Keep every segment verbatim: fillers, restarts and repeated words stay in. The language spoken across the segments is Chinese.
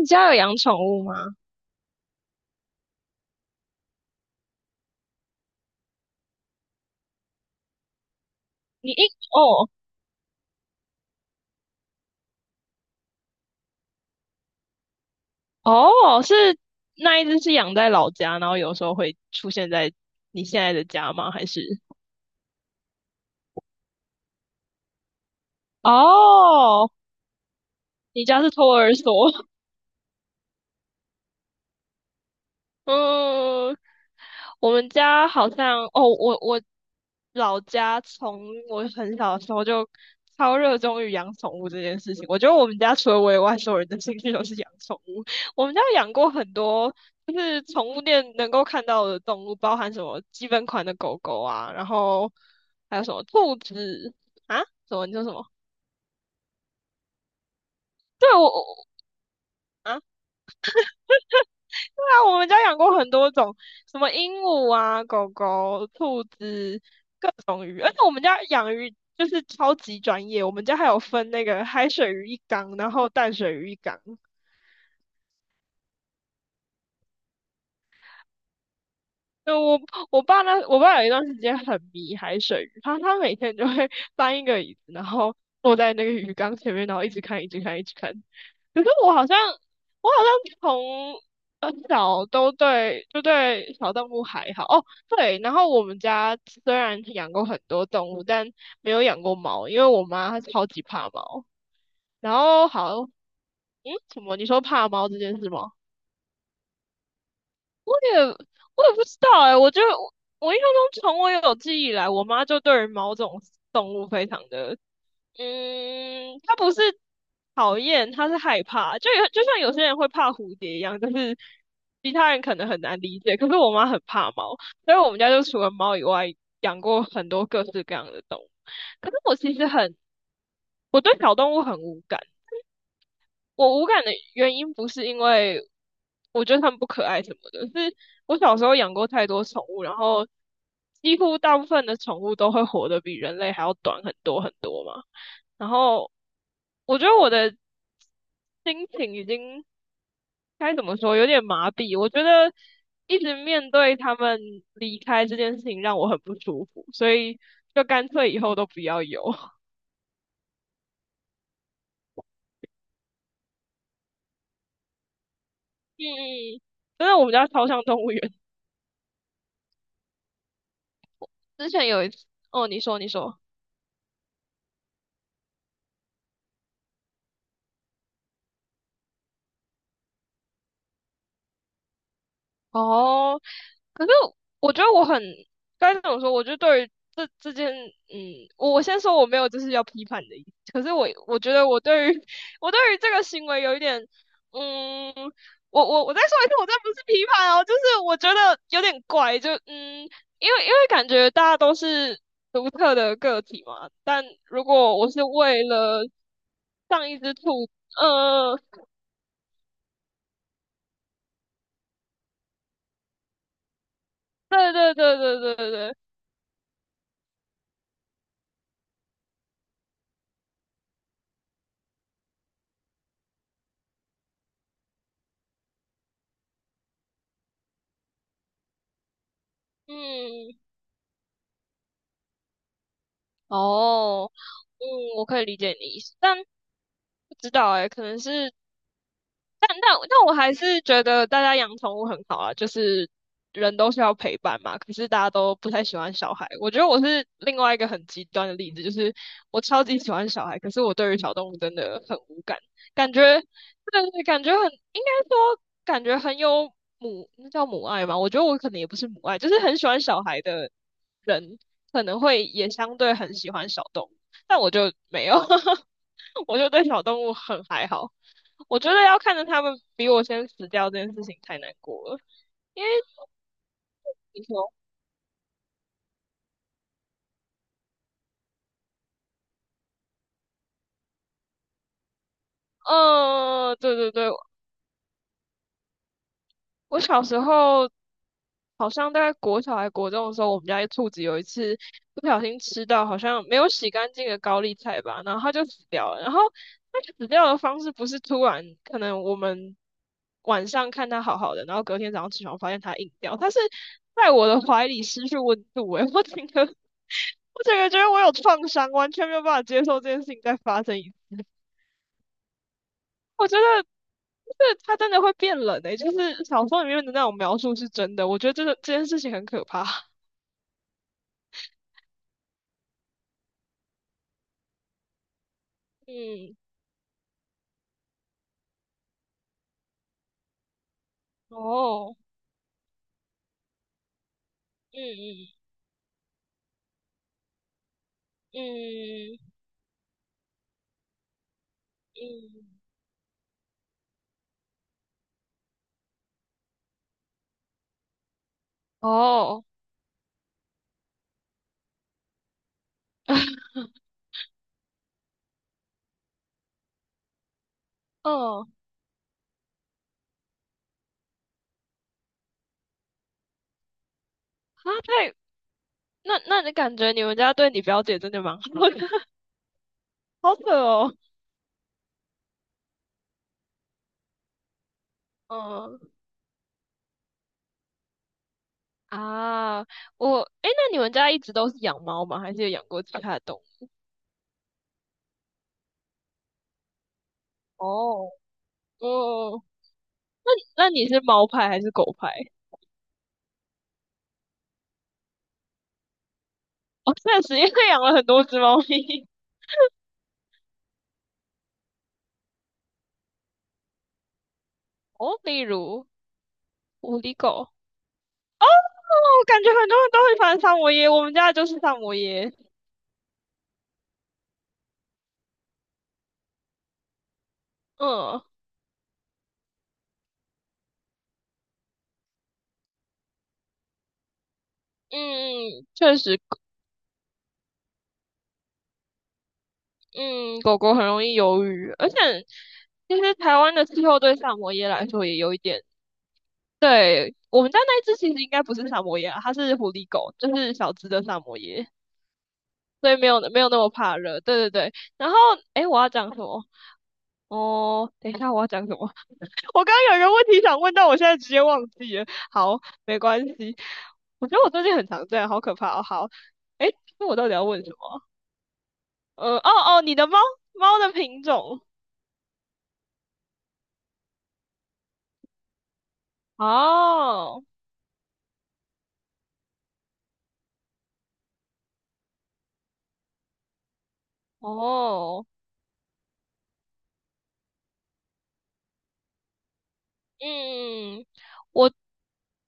你家有养宠物吗？你一哦哦，是，那一只是养在老家，然后有时候会出现在你现在的家吗？还是哦，你家是托儿所？嗯，我们家好像哦，我我老家从我很小的时候就超热衷于养宠物这件事情。我觉得我们家除了我以外，所有人的兴趣都是养宠物。我们家养过很多，就是宠物店能够看到的动物，包含什么基本款的狗狗啊，然后还有什么兔子啊。什么？你说什么？对，我我啊。啊，我们家养过很多种，什么鹦鹉啊、狗狗、兔子，各种鱼。而且我们家养鱼就是超级专业，我们家还有分那个海水鱼一缸，然后淡水鱼一缸。对，我我爸那我爸有一段时间很迷海水浴，他他每天就会 搬一个椅子，然后坐在那个鱼缸前面，然后一直看，一直看，一直看。可是我好像我好像从很小都对就对小动物还好哦，对。然后我们家虽然养过很多动物，但没有养过猫，因为我妈她超级怕猫。然后好，嗯，什么？你说怕猫这件事吗？我也我也不知道哎、我就我我印象中从我有记忆以来，我妈就对于某种动物非常的，嗯，她不是讨厌，她是害怕，就有就像有些人会怕蝴蝶一样，但是其他人可能很难理解，可是我妈很怕猫，所以我们家就除了猫以外，养过很多各式各样的动物。可是我其实很，我对小动物很无感。我无感的原因不是因为我觉得它们不可爱什么的，是我小时候养过太多宠物，然后几乎大部分的宠物都会活得比人类还要短很多很多嘛。然后我觉得我的心情已经该怎么说，有点麻痹。我觉得一直面对它们离开这件事情让我很不舒服，所以就干脆以后都不要有。嗯，嗯真的，我们家超像动物园。之前有一次，哦，你说，你说。哦，可是我觉得我很该怎么说？我就对于这这件，嗯，我我先说我没有就是要批判的意思。可是我我觉得我对于 我对于这个行为有一点，嗯，我我我再说一次，我这不是批判哦，就是我觉得有点怪，就嗯，因为因为感觉大家都是独特的个体嘛，但如果我是为了上一只兔子。呃，对对对对对对，嗯，哦。嗯，我可以理解你的意思，但不知道哎、可能是但但但我还是觉得大家养宠物很好啊，就是人都是要陪伴嘛。可是大家都不太喜欢小孩，我觉得我是另外一个很极端的例子，就是我超级喜欢小孩，可是我对于小动物真的很无感，感觉对的是感觉很，应该说感觉很有母，那叫母爱嘛？我觉得我可能也不是母爱，就是很喜欢小孩的人，可能会也相对很喜欢小动物，但我就没有。我就对小动物很还好。我觉得要看着他们比我先死掉这件事情太难过了，因为你说，嗯呃，对对对，我小时候好像大概国小还国中的时候，我们家一兔子有一次不小心吃到好像没有洗干净的高丽菜吧，然后它就死掉了。然后它死掉的方式不是突然，可能我们晚上看它好好的，然后隔天早上起床发现它硬掉，它是在我的怀里失去温度、欸。我整个我整个觉得我有创伤，完全没有办法接受这件事情再发生一次。我觉得就是它真的会变冷诶、就是小说里面的那种描述是真的。我觉得这个这件事情很可怕。嗯，哦，嗯嗯嗯嗯，哦，哦，啊，太，那那你感觉你们家对你表姐真的蛮好的，好扯哦。嗯啊，我，诶，那你们家一直都是养猫吗？还是有养过其他的动物？哦，哦，那那你是猫派还是狗派？哦，确实，因为养了很多只猫咪。哦，例如狐狸狗。哦，感觉很多人都会喜欢萨摩耶，我们家的就是萨摩耶。嗯，嗯，确实，嗯，狗狗很容易忧郁，而且其实台湾的气候对萨摩耶来说也有一点。对，我们家那一只其实应该不是萨摩耶啊，它是狐狸狗，就是小只的萨摩耶，所以没有没有那么怕热。对对对，然后诶，我要讲什么？哦，等一下我要讲什么？我刚刚有一个问题想问，但我现在直接忘记了。好，没关系。我觉得我最近很常这样，好可怕哦。好，诶，那我到底要问什么？呃，哦哦，你的猫猫的品种。哦哦，嗯，嗯我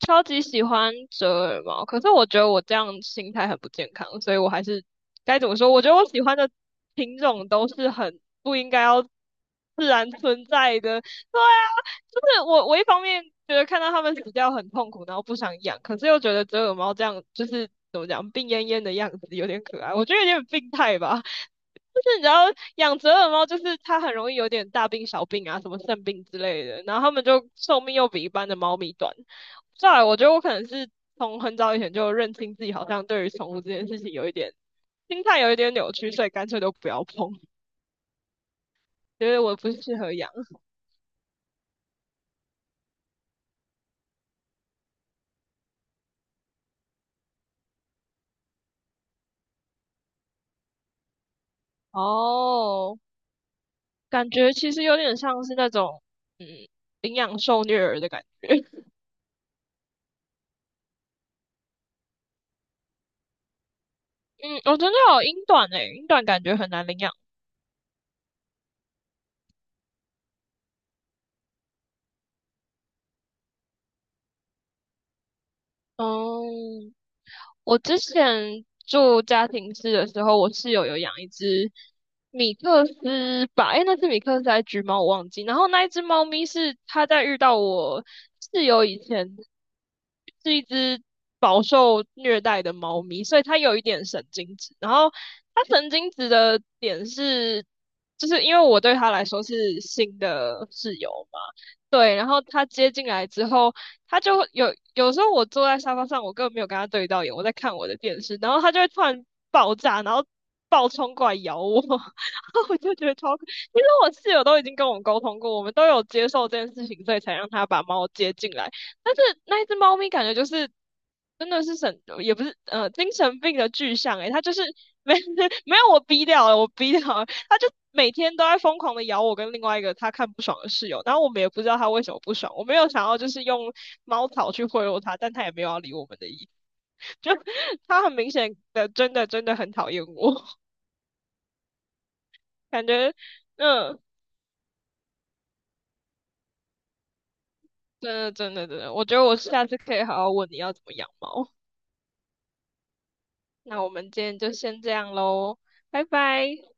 超级喜欢折耳猫，可是我觉得我这样心态很不健康，所以我还是该怎么说？我觉得我喜欢的品种都是很不应该要自然存在的。对啊，就是我我一方面觉得看到它们死掉很痛苦，然后不想养，可是又觉得折耳猫这样就是怎么讲病恹恹的样子有点可爱，我觉得有点病态吧。就是你知道养折耳猫，就是它很容易有点大病小病啊，什么肾病之类的，然后它们就寿命又比一般的猫咪短。再来，我觉得我可能是从很早以前就认清自己，好像对于宠物这件事情有一点心态有一点扭曲，所以干脆都不要碰，觉得我不适合养。哦，感觉其实有点像是那种嗯领养受虐儿的感觉。嗯，我真的有英短诶、欸英短感觉很难领养。哦，我之前住家庭式的时候，我室友有养一只米克斯吧，诶，那只米克斯还是橘猫，我忘记。然后那一只猫咪是它在遇到我室友以前是一只饱受虐待的猫咪，所以它有一点神经质。然后它神经质的点是，就是因为我对它来说是新的室友嘛，对。然后它接进来之后。他就会有有时候我坐在沙发上，我根本没有跟他对到眼，我在看我的电视，然后他就会突然爆炸，然后暴冲过来咬我。然后我就觉得超可。其实我室友都已经跟我们沟通过，我们都有接受这件事情，所以才让他把猫接进来。但是那一只猫咪感觉就是真的是神，也不是呃精神病的具象诶、它就是没 没有，我逼掉了，我逼掉了，他就每天都在疯狂的咬我跟另外一个他看不爽的室友，然后我们也不知道他为什么不爽，我没有想要就是用猫草去贿赂他，但他也没有要理我们的意，就他很明显的真的真的很讨厌我，感觉嗯，真的真的真的，我觉得我下次可以好好问你要怎么养猫。那我们今天就先这样喽，拜拜。